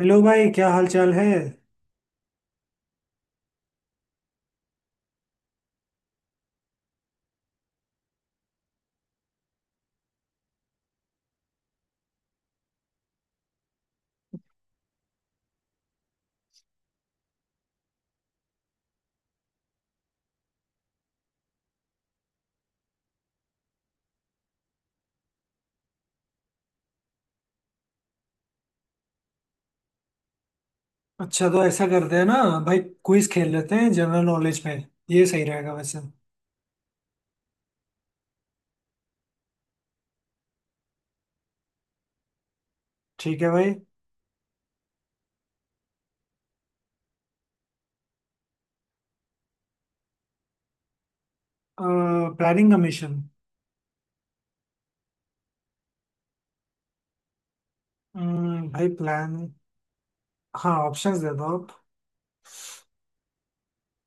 Hello भाई, क्या हाल चाल है। अच्छा, तो ऐसा करते हैं ना भाई, क्विज खेल लेते हैं जनरल नॉलेज पे। ये सही रहेगा वैसे। ठीक है भाई। Planning commission. भाई प्लान हाँ, ऑप्शंस दे दो आप।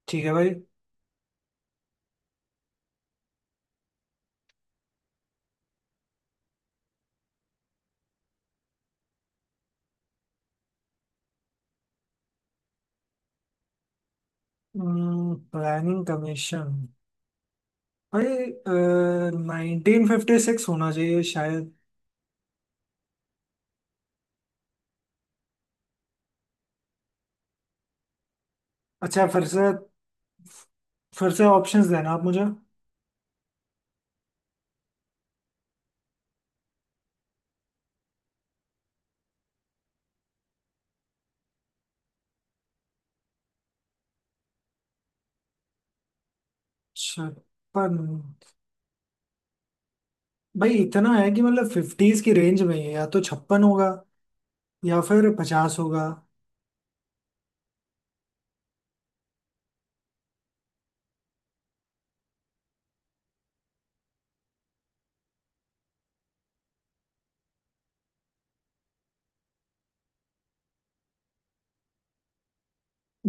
ठीक है भाई। प्लानिंग कमीशन भाई। 1956 होना चाहिए शायद। अच्छा, फिर से ऑप्शंस देना आप मुझे। 56। भाई, इतना है कि मतलब फिफ्टीज की रेंज में ही है, या तो 56 होगा या फिर 50 होगा।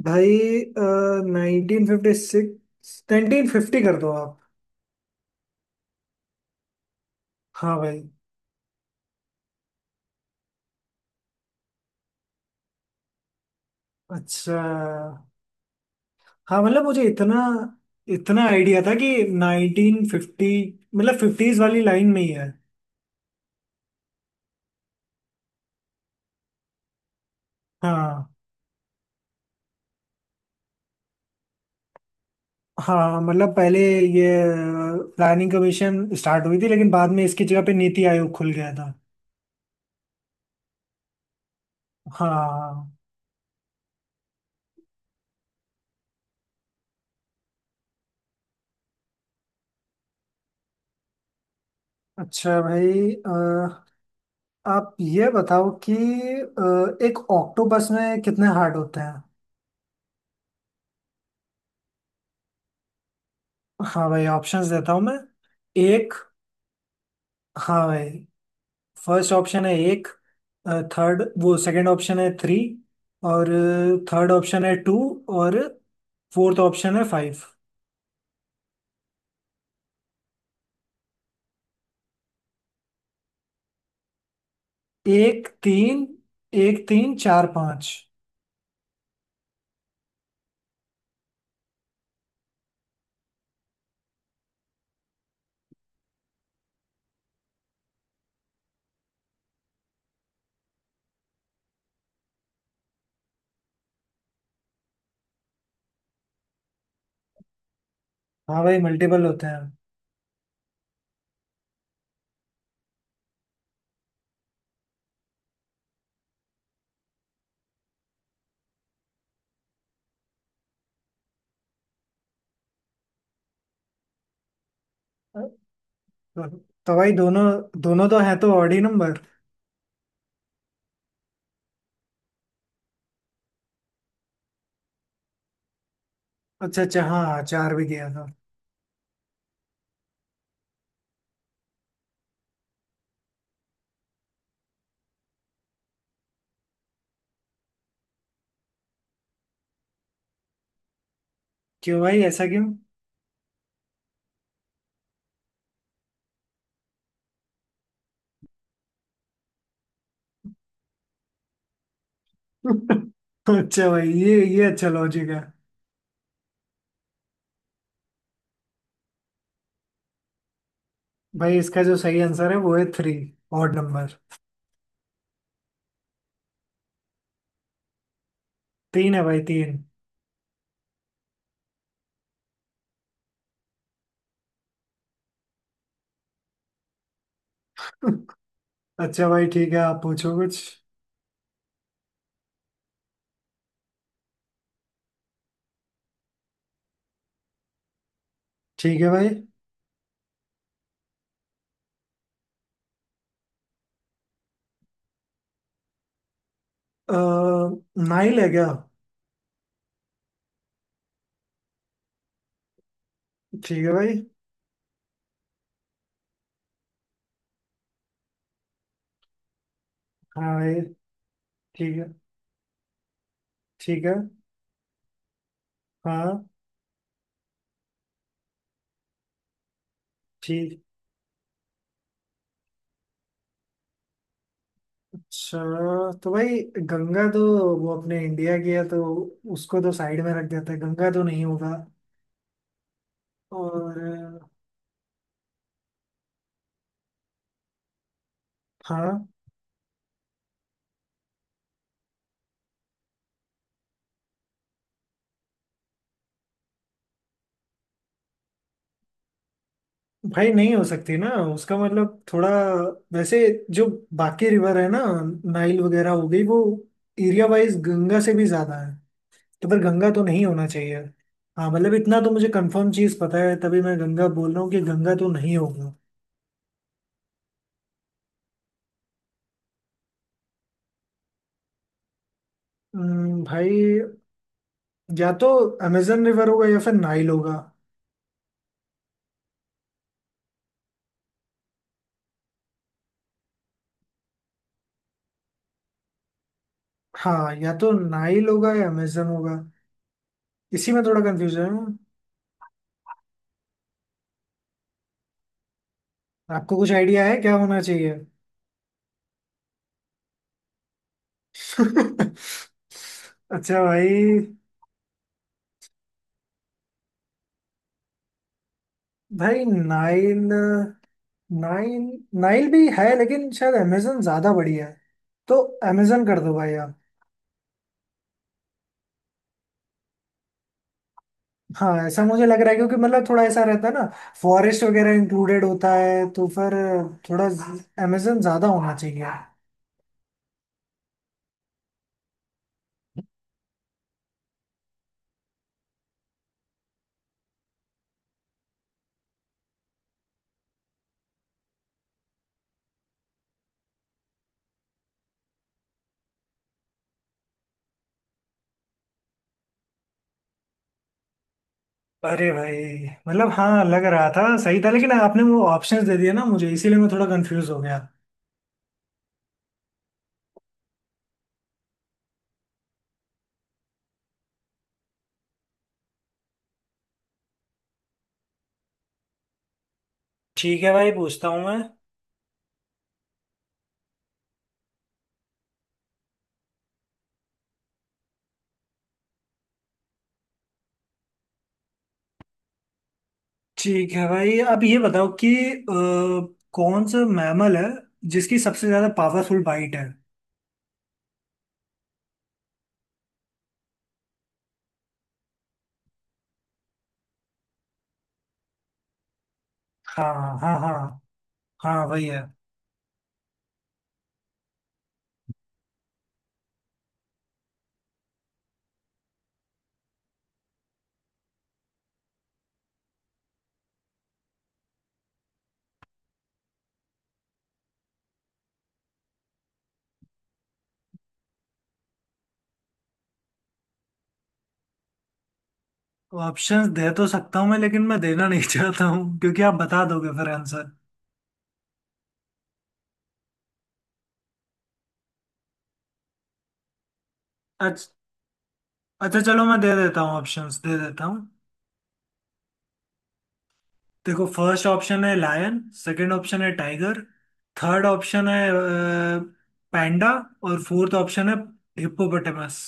भाई, 1956, 1950 कर दो आप। हाँ भाई। अच्छा। हाँ, मतलब मुझे इतना इतना आइडिया था कि 1950, मतलब फिफ्टीज वाली लाइन में ही है। हाँ, हाँ, मतलब पहले ये प्लानिंग कमीशन स्टार्ट हुई थी, लेकिन बाद में इसकी जगह पे नीति आयोग खुल गया था। हाँ। अच्छा भाई। आप ये बताओ कि एक ऑक्टोपस में कितने हार्ट होते हैं। हाँ भाई, ऑप्शंस देता हूँ मैं। एक। हाँ भाई, फर्स्ट ऑप्शन है एक। थर्ड वो सेकंड ऑप्शन है थ्री। और थर्ड ऑप्शन है टू। और फोर्थ ऑप्शन है फाइव। एक, तीन। एक, तीन, चार, पाँच। हाँ भाई, मल्टीपल होते हैं। तो, तो भाई, दोनों दोनों तो है तो ऑड ही नंबर। अच्छा अच्छा, हाँ हाँ, चार भी दिया था। क्यों भाई, ऐसा क्यों। अच्छा भाई, ये अच्छा लॉजिक है। भाई, इसका जो सही आंसर है वो है थ्री। Odd number. तीन है भाई, तीन। अच्छा भाई ठीक है, आप पूछो कुछ। ठीक है भाई। अह नाइल है क्या। ठीक है भाई। हाँ भाई। ठीक है। ठीक है। हाँ। ठीक। अच्छा, तो भाई गंगा तो वो अपने इंडिया की है, तो उसको तो साइड में रख देते हैं, गंगा तो नहीं होगा। और हाँ। भाई, नहीं हो सकती ना उसका मतलब। थोड़ा वैसे, जो बाकी रिवर है ना, नाइल वगैरह हो गई, वो एरिया वाइज गंगा से भी ज्यादा है, तो फिर गंगा तो नहीं होना चाहिए। हाँ, मतलब इतना तो मुझे कंफर्म चीज पता है तभी मैं गंगा बोल रहा हूँ कि गंगा तो नहीं होगा। भाई, या तो अमेजन रिवर होगा या फिर नाइल होगा। हाँ, या तो नाइल होगा या अमेजन होगा। इसी में थोड़ा कंफ्यूजन है। आपको कुछ आइडिया है क्या होना चाहिए। अच्छा भाई। भाई, नाइल। नाइल। नाइल भी है, लेकिन शायद अमेजन ज्यादा बड़ी है, तो अमेजन कर दो भाई। हाँ, ऐसा मुझे लग रहा है क्योंकि मतलब थोड़ा ऐसा रहता है ना, फॉरेस्ट वगैरह इंक्लूडेड होता है तो फिर थोड़ा अमेजन ज्यादा होना चाहिए। अरे भाई, मतलब हाँ, लग रहा था सही था, लेकिन आपने वो ऑप्शंस दे दिए ना मुझे, इसीलिए मैं थोड़ा कंफ्यूज हो गया। ठीक है भाई, पूछता हूँ मैं। ठीक है भाई, अब ये बताओ कि कौन सा मैमल है जिसकी सबसे ज्यादा पावरफुल बाइट है। हाँ हाँ हाँ। हाँ, वही है। ऑप्शंस दे तो सकता हूँ मैं, लेकिन मैं देना नहीं चाहता हूँ क्योंकि आप बता दोगे फिर आंसर। अच्छा चलो, मैं दे देता हूँ, ऑप्शंस दे देता हूँ। देखो, फर्स्ट ऑप्शन है लायन। सेकंड ऑप्शन है टाइगर। थर्ड ऑप्शन है पैंडा। और फोर्थ ऑप्शन है हिप्पोपोटामस।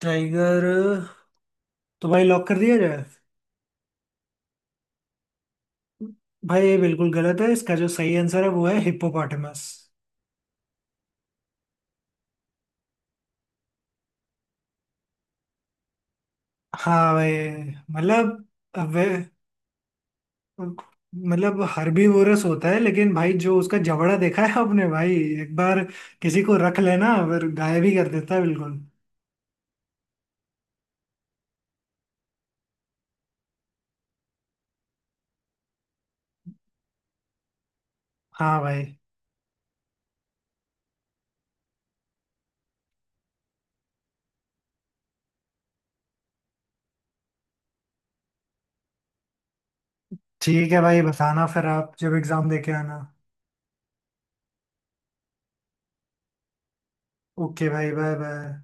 टाइगर। तो भाई, लॉक कर दिया जाए। भाई, ये बिल्कुल गलत है, इसका जो सही आंसर है वो है हिप्पोपोटामस। हाँ भाई। मतलब मतलब हर्बीवोरस होता है, लेकिन भाई जो उसका जबड़ा देखा है आपने भाई, एक बार किसी को रख लेना फिर गायब ही कर देता है बिल्कुल। हाँ भाई। ठीक है भाई, बताना फिर आप जब एग्जाम देके आना। ओके भाई, बाय बाय।